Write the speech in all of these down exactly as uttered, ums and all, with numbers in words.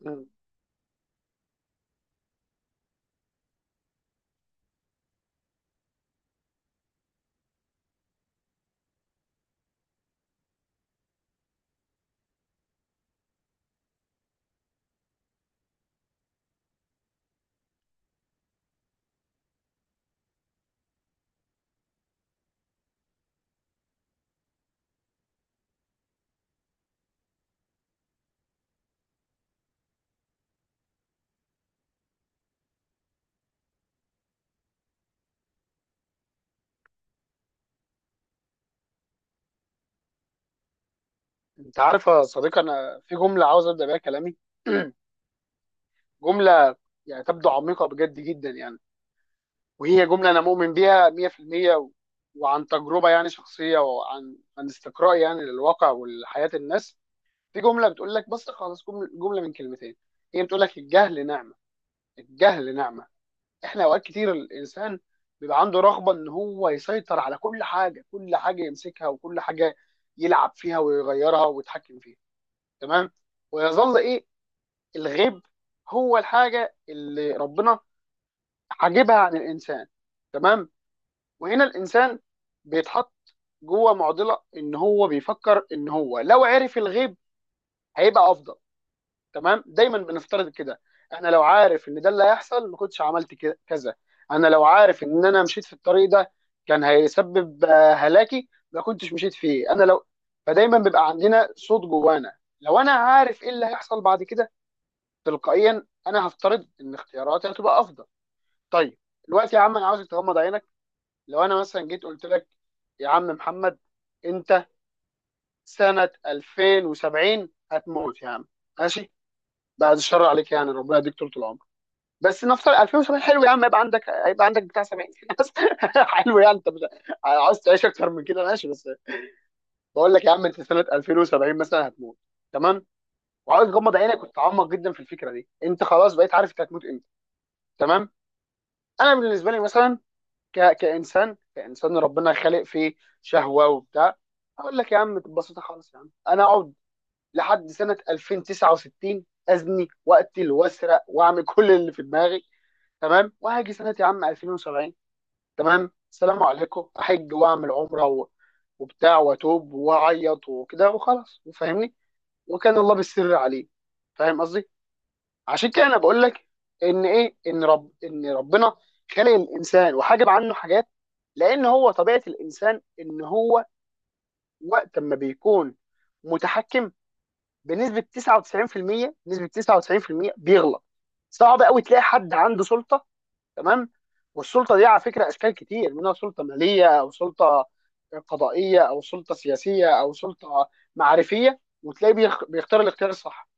مم. انت عارف يا صديقي، انا في جمله عاوز ابدا بيها كلامي. جمله يعني تبدو عميقه بجد جدا، يعني وهي جمله انا مؤمن بيها مية في المية، و... وعن تجربه يعني شخصيه، وعن عن استقراء يعني للواقع ولحياه الناس. في جمله بتقول لك بس خالص، جمله جمله من كلمتين. هي بتقول لك الجهل نعمه. الجهل نعمه. احنا اوقات كتير الانسان بيبقى عنده رغبه ان هو يسيطر على كل حاجه، كل حاجه يمسكها وكل حاجه يلعب فيها ويغيرها ويتحكم فيها. تمام. ويظل ايه؟ الغيب. هو الحاجه اللي ربنا حاجبها عن الانسان. تمام. وهنا الانسان بيتحط جوه معضله، ان هو بيفكر ان هو لو عرف الغيب هيبقى افضل. تمام. دايما بنفترض كده. انا لو عارف ان ده اللي هيحصل ما كنتش عملت كده- كذا. انا لو عارف ان انا مشيت في الطريق ده كان هيسبب آه، هلاكي، ما كنتش مشيت فيه. انا لو، فدايما بيبقى عندنا صوت جوانا، لو انا عارف ايه اللي هيحصل بعد كده، تلقائيا انا هفترض ان اختياراتي هتبقى افضل. طيب، دلوقتي يا عم انا عاوزك تغمض عينك. لو انا مثلا جيت قلت لك، يا عم محمد، انت سنة ألفين وسبعين هتموت يا عم. ماشي. بعد الشر عليك يعني، ربنا يديك طول العمر، بس نفترض ألفين وسبعين. حلو يا عم، يبقى عندك، يبقى عندك بتاع سبعين سنة بس. حلو، يعني انت مش عاوز تعيش اكتر من كده؟ ماشي بس. بقول لك يا عم انت سنة ألفين وسبعين مثلا هتموت. تمام. وعاوز تغمض عينك وتتعمق جدا في الفكرة دي، انت خلاص بقيت عارف انت هتموت امتى. تمام. انا بالنسبه لي مثلا ك... كانسان كانسان ربنا خالق فيه شهوه وبتاع، اقول لك يا عم ببساطه خالص، يا عم انا اقعد لحد سنه ألفين وتسعة وستين ازني واقتل واسرق واعمل كل اللي في دماغي. تمام. وهاجي سنه يا عم ألفين وسبعين. تمام. السلام عليكم، احج واعمل عمره و... وبتاع واتوب واعيط وكده وخلاص، فاهمني؟ وكان الله بالسر عليه. فاهم قصدي؟ عشان كده انا بقول لك ان ايه ان رب ان ربنا خلق الانسان وحجب عنه حاجات، لان هو طبيعه الانسان ان هو وقت ما بيكون متحكم بنسبه تسعة وتسعين في المية، نسبه تسعة وتسعين في المية بيغلط. صعب قوي تلاقي حد عنده سلطه. تمام. والسلطه دي على فكره اشكال كتير منها، سلطه ماليه او سلطه قضائيه او سلطه سياسيه او سلطه معرفيه، وتلاقيه بيخ- بيختار الاختيار الصح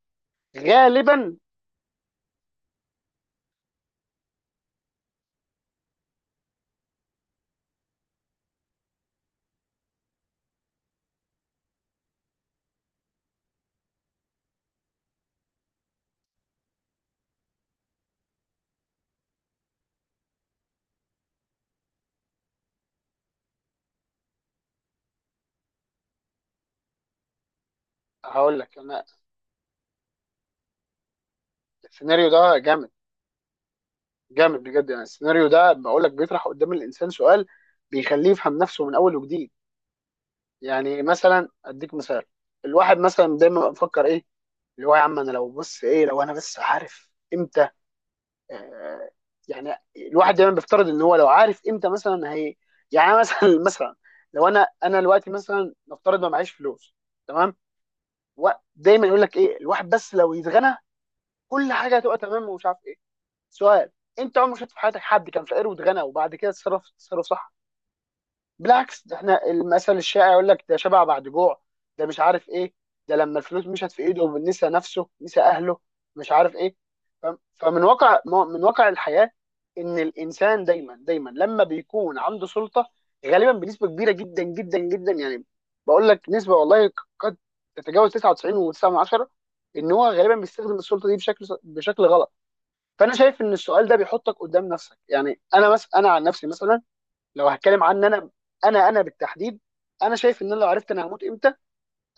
غالبا. هقول لك انا، السيناريو ده جامد، جامد بجد يعني. السيناريو ده بقول لك بيطرح قدام الانسان سؤال بيخليه يفهم نفسه من اول وجديد. يعني مثلا اديك مثال. الواحد مثلا دايما بيبقى مفكر ايه، اللي هو يا عم انا لو بص ايه، لو انا بس عارف امتى، آه يعني الواحد دايما بيفترض ان هو لو عارف امتى مثلا هي. يعني أنا مثلا مثلا لو انا انا دلوقتي مثلا نفترض ما معيش فلوس. تمام. ودايما يقول لك ايه الواحد، بس لو يتغنى كل حاجه هتبقى تمام، ومش عارف ايه. سؤال: انت عمرك شفت في حياتك حد كان فقير واتغنى وبعد كده اتصرف تصرف صح؟ بالعكس، ده احنا المثل الشائع يقول لك ده شبع بعد جوع، ده مش عارف ايه، ده لما الفلوس مشت في ايده نسى نفسه نسى اهله، مش عارف ايه. ف- فمن واقع، من واقع الحياة، ان الانسان دايما دايما لما بيكون عنده سلطة غالبا بنسبة كبيرة جدا جدا جدا يعني. بقول لك نسبة والله قد تتجاوز تسعة وتسعين وتسعة من عشرة، ان هو غالبا بيستخدم السلطة دي بشكل بشكل غلط. فانا شايف ان السؤال ده بيحطك قدام نفسك، يعني انا مس... انا عن نفسي مثلا، لو هتكلم عن انا، انا انا بالتحديد، انا شايف ان انا لو عرفت انا هموت امتى،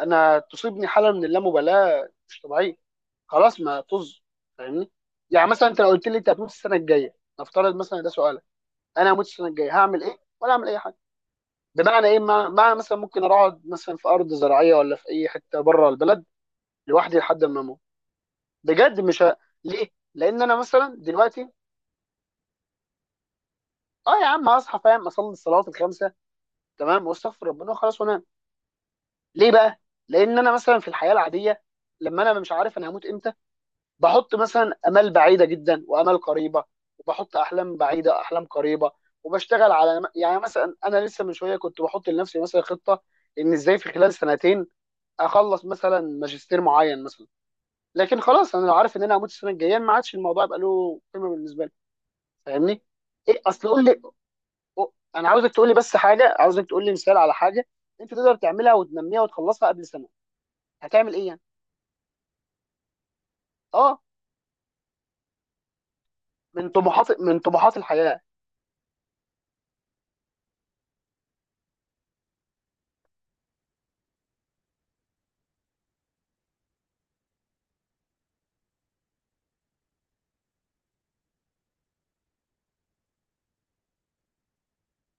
انا تصيبني حاله من اللامبالاه مش طبيعيه، خلاص ما طز. فاهمني؟ يعني مثلا انت لو قلت لي انت هتموت السنه الجايه، نفترض مثلا ده سؤالك، انا هموت السنه الجايه هعمل ايه ولا اعمل اي حاجه؟ بمعنى ايه، مع... مع مثلا ممكن اروح اقعد مثلا في ارض زراعيه ولا في اي حته بره البلد لوحدي لحد ما اموت بجد. مش ه... ليه؟ لان انا مثلا دلوقتي، اه يا عم هصحى فاهم اصلي الصلوات الخمسه، تمام واستغفر ربنا وخلاص وانام. ليه بقى؟ لان انا مثلا في الحياه العاديه لما انا مش عارف انا هموت امتى، بحط مثلا امال بعيده جدا وامال قريبه، وبحط احلام بعيده احلام قريبه، وبشتغل على يعني مثلا، انا لسه من شويه كنت بحط لنفسي مثلا خطه، ان ازاي في خلال سنتين اخلص مثلا ماجستير معين مثلا. لكن خلاص، انا لو عارف ان انا هموت السنه الجايه ما عادش الموضوع يبقى له قيمه بالنسبه لي. فاهمني؟ ايه، اصل قول لي. أو- انا عاوزك تقول لي بس حاجه، عاوزك تقول لي مثال على حاجه انت تقدر تعملها وتنميها وتخلصها قبل سنه. هتعمل ايه يعني؟ اه، من طموحات من طموحات الحياه.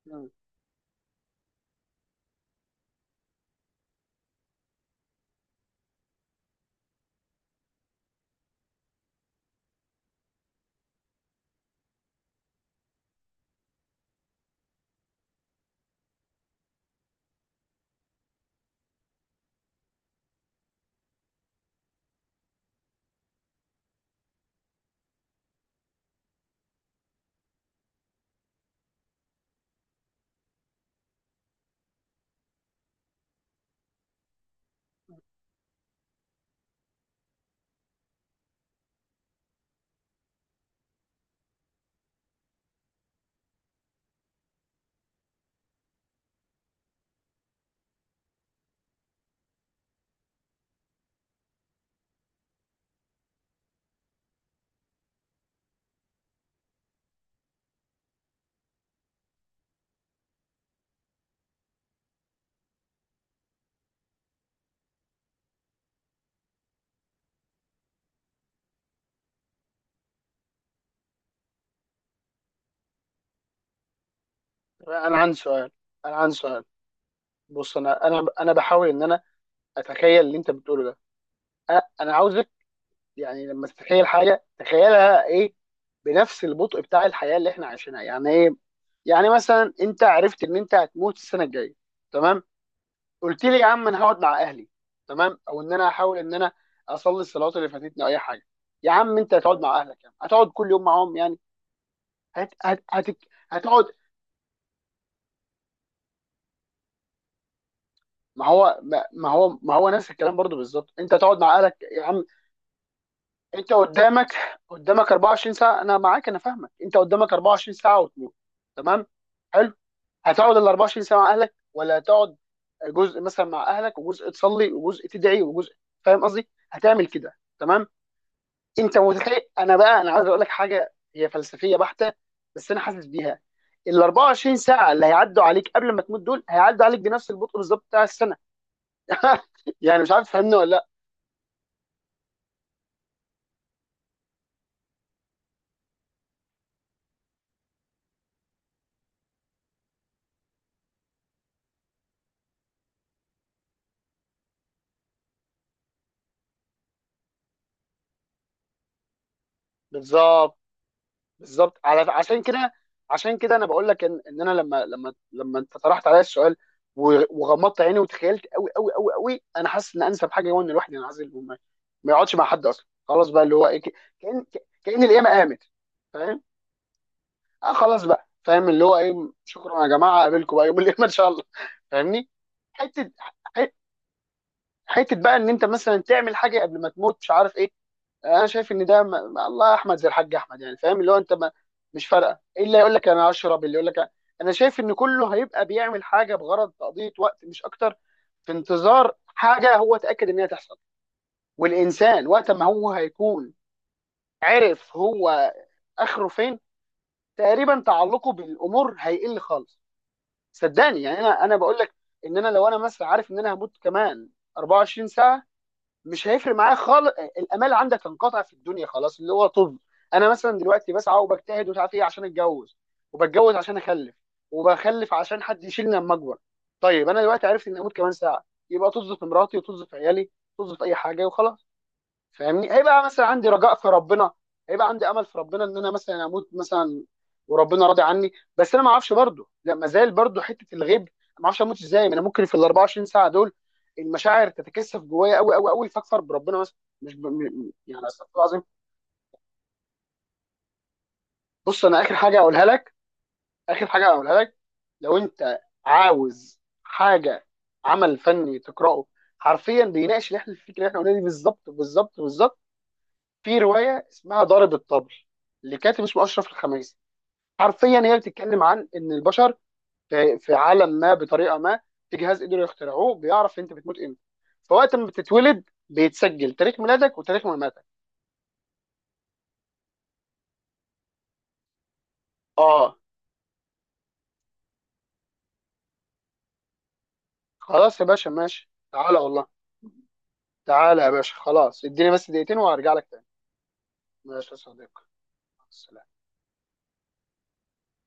مم. انا عندي سؤال. انا عندي سؤال. بص، انا انا انا بحاول ان انا اتخيل اللي انت بتقوله ده. انا أنا عاوزك، يعني لما تتخيل حاجه، تخيلها ايه بنفس البطء بتاع الحياه اللي احنا عايشينها. يعني ايه؟ يعني مثلا انت عرفت ان انت هتموت السنه الجايه. تمام. قلت لي يا عم انا هقعد مع اهلي. تمام. او ان انا هحاول ان انا اصلي الصلوات اللي فاتتني او اي حاجه. يا عم انت هتقعد مع اهلك، يعني هتقعد كل يوم معاهم يعني؟ هت... هت... هت... هتقعد. ما هو ما ما هو ما هو نفس الكلام برضو بالظبط، انت هتقعد مع اهلك يا عم. انت قدامك قدامك اربعة وعشرين ساعه، انا معاك انا فاهمك، انت قدامك اربعة وعشرين ساعه وتموت. تمام. حلو. هتقعد ال اربعة وعشرين ساعه مع اهلك ولا هتقعد جزء مثلا مع اهلك وجزء تصلي وجزء تدعي وجزء، فاهم قصدي؟ هتعمل كده. تمام. انت متخيل، انا بقى انا عايز اقول لك حاجه هي فلسفيه بحته، بس انا حاسس بيها. ال اربعة وعشرين ساعه اللي هيعدوا عليك قبل ما تموت دول هيعدوا عليك بنفس البطء بالظبط بتاع السنه. يعني مش عارف تفهمني ولا لا. بالظبط بالظبط. على عشان كده عشان كده انا بقول لك، ان, ان انا لما لما لما انت طرحت عليا السؤال، و- وغمضت عيني وتخيلت قوي قوي قوي قوي، انا حاسس ان انسب حاجه هو ان الواحد ينعزل وما ما يقعدش مع حد اصلا. خلاص بقى، اللي هو ايه، ك- كان ك- كان الايام قامت. فاهم؟ اه خلاص بقى، فاهم اللي هو ايه. شكرا يا جماعه، اقابلكم بقى يوم الاثنين ان شاء الله. فاهمني؟ حته، ح- حته بقى ان انت مثلا تعمل حاجه قبل ما تموت، مش عارف ايه. انا شايف ان ده ما... ما الله، احمد زي الحاج احمد، يعني فاهم اللي هو انت ما... مش فارقه. إيه اللي يقول لك انا اشرب، اللي يقول لك أ- انا شايف ان كله هيبقى بيعمل حاجه بغرض تقضيه وقت مش اكتر، في انتظار حاجه هو اتاكد ان هي تحصل. والانسان وقت ما هو هيكون عرف هو اخره فين، تقريبا تعلقه بالامور هيقل خالص. صدقني، يعني انا انا بقول لك ان انا لو انا مثلا عارف ان انا هموت كمان اربعة وعشرين ساعه، مش هيفرق معايا خالص. الامال عندك هنقطع في الدنيا خلاص، اللي هو طب انا مثلا دلوقتي بسعى وبجتهد ومش عارف ايه عشان اتجوز، وبتجوز عشان اخلف، وبخلف عشان حد يشيلني لما اكبر. طيب انا دلوقتي عرفت اني هموت كمان ساعه، يبقى طز في مراتي وطز في عيالي، طز في اي حاجه وخلاص. فاهمني؟ هيبقى مثلا عندي رجاء في ربنا، هيبقى عندي امل في ربنا ان انا مثلا اموت مثلا وربنا راضي عني، بس انا ما اعرفش برضه، لا ما زال برضه حته الغيب، ما اعرفش اموت ازاي. ما انا ممكن في ال اربعة وعشرين ساعه دول المشاعر تتكثف جوايا قوي قوي قوي فاكفر بربنا مثلا، مش ب... م- م- يعني استغفر الله العظيم. بص، انا اخر حاجه اقولها لك، اخر حاجه اقولها لك، لو انت عاوز حاجه عمل فني تقراه حرفيا بيناقش اللي احنا الفكره اللي احنا قلناها دي بالظبط بالظبط بالظبط، في روايه اسمها ضارب الطبل، لكاتب اسمه اشرف الخميسي. حرفيا هي بتتكلم عن ان البشر في في عالم ما بطريقه ما، في جهاز قدروا يخترعوه بيعرف انت بتموت امتى. فوقت ما بتتولد بيتسجل تاريخ ميلادك وتاريخ مماتك. اه خلاص يا باشا ماشي، تعالى والله. تعالى يا باشا خلاص، اديني بس دقيقتين وهرجع لك تاني. ماشي يا صديقي. مع السلامة.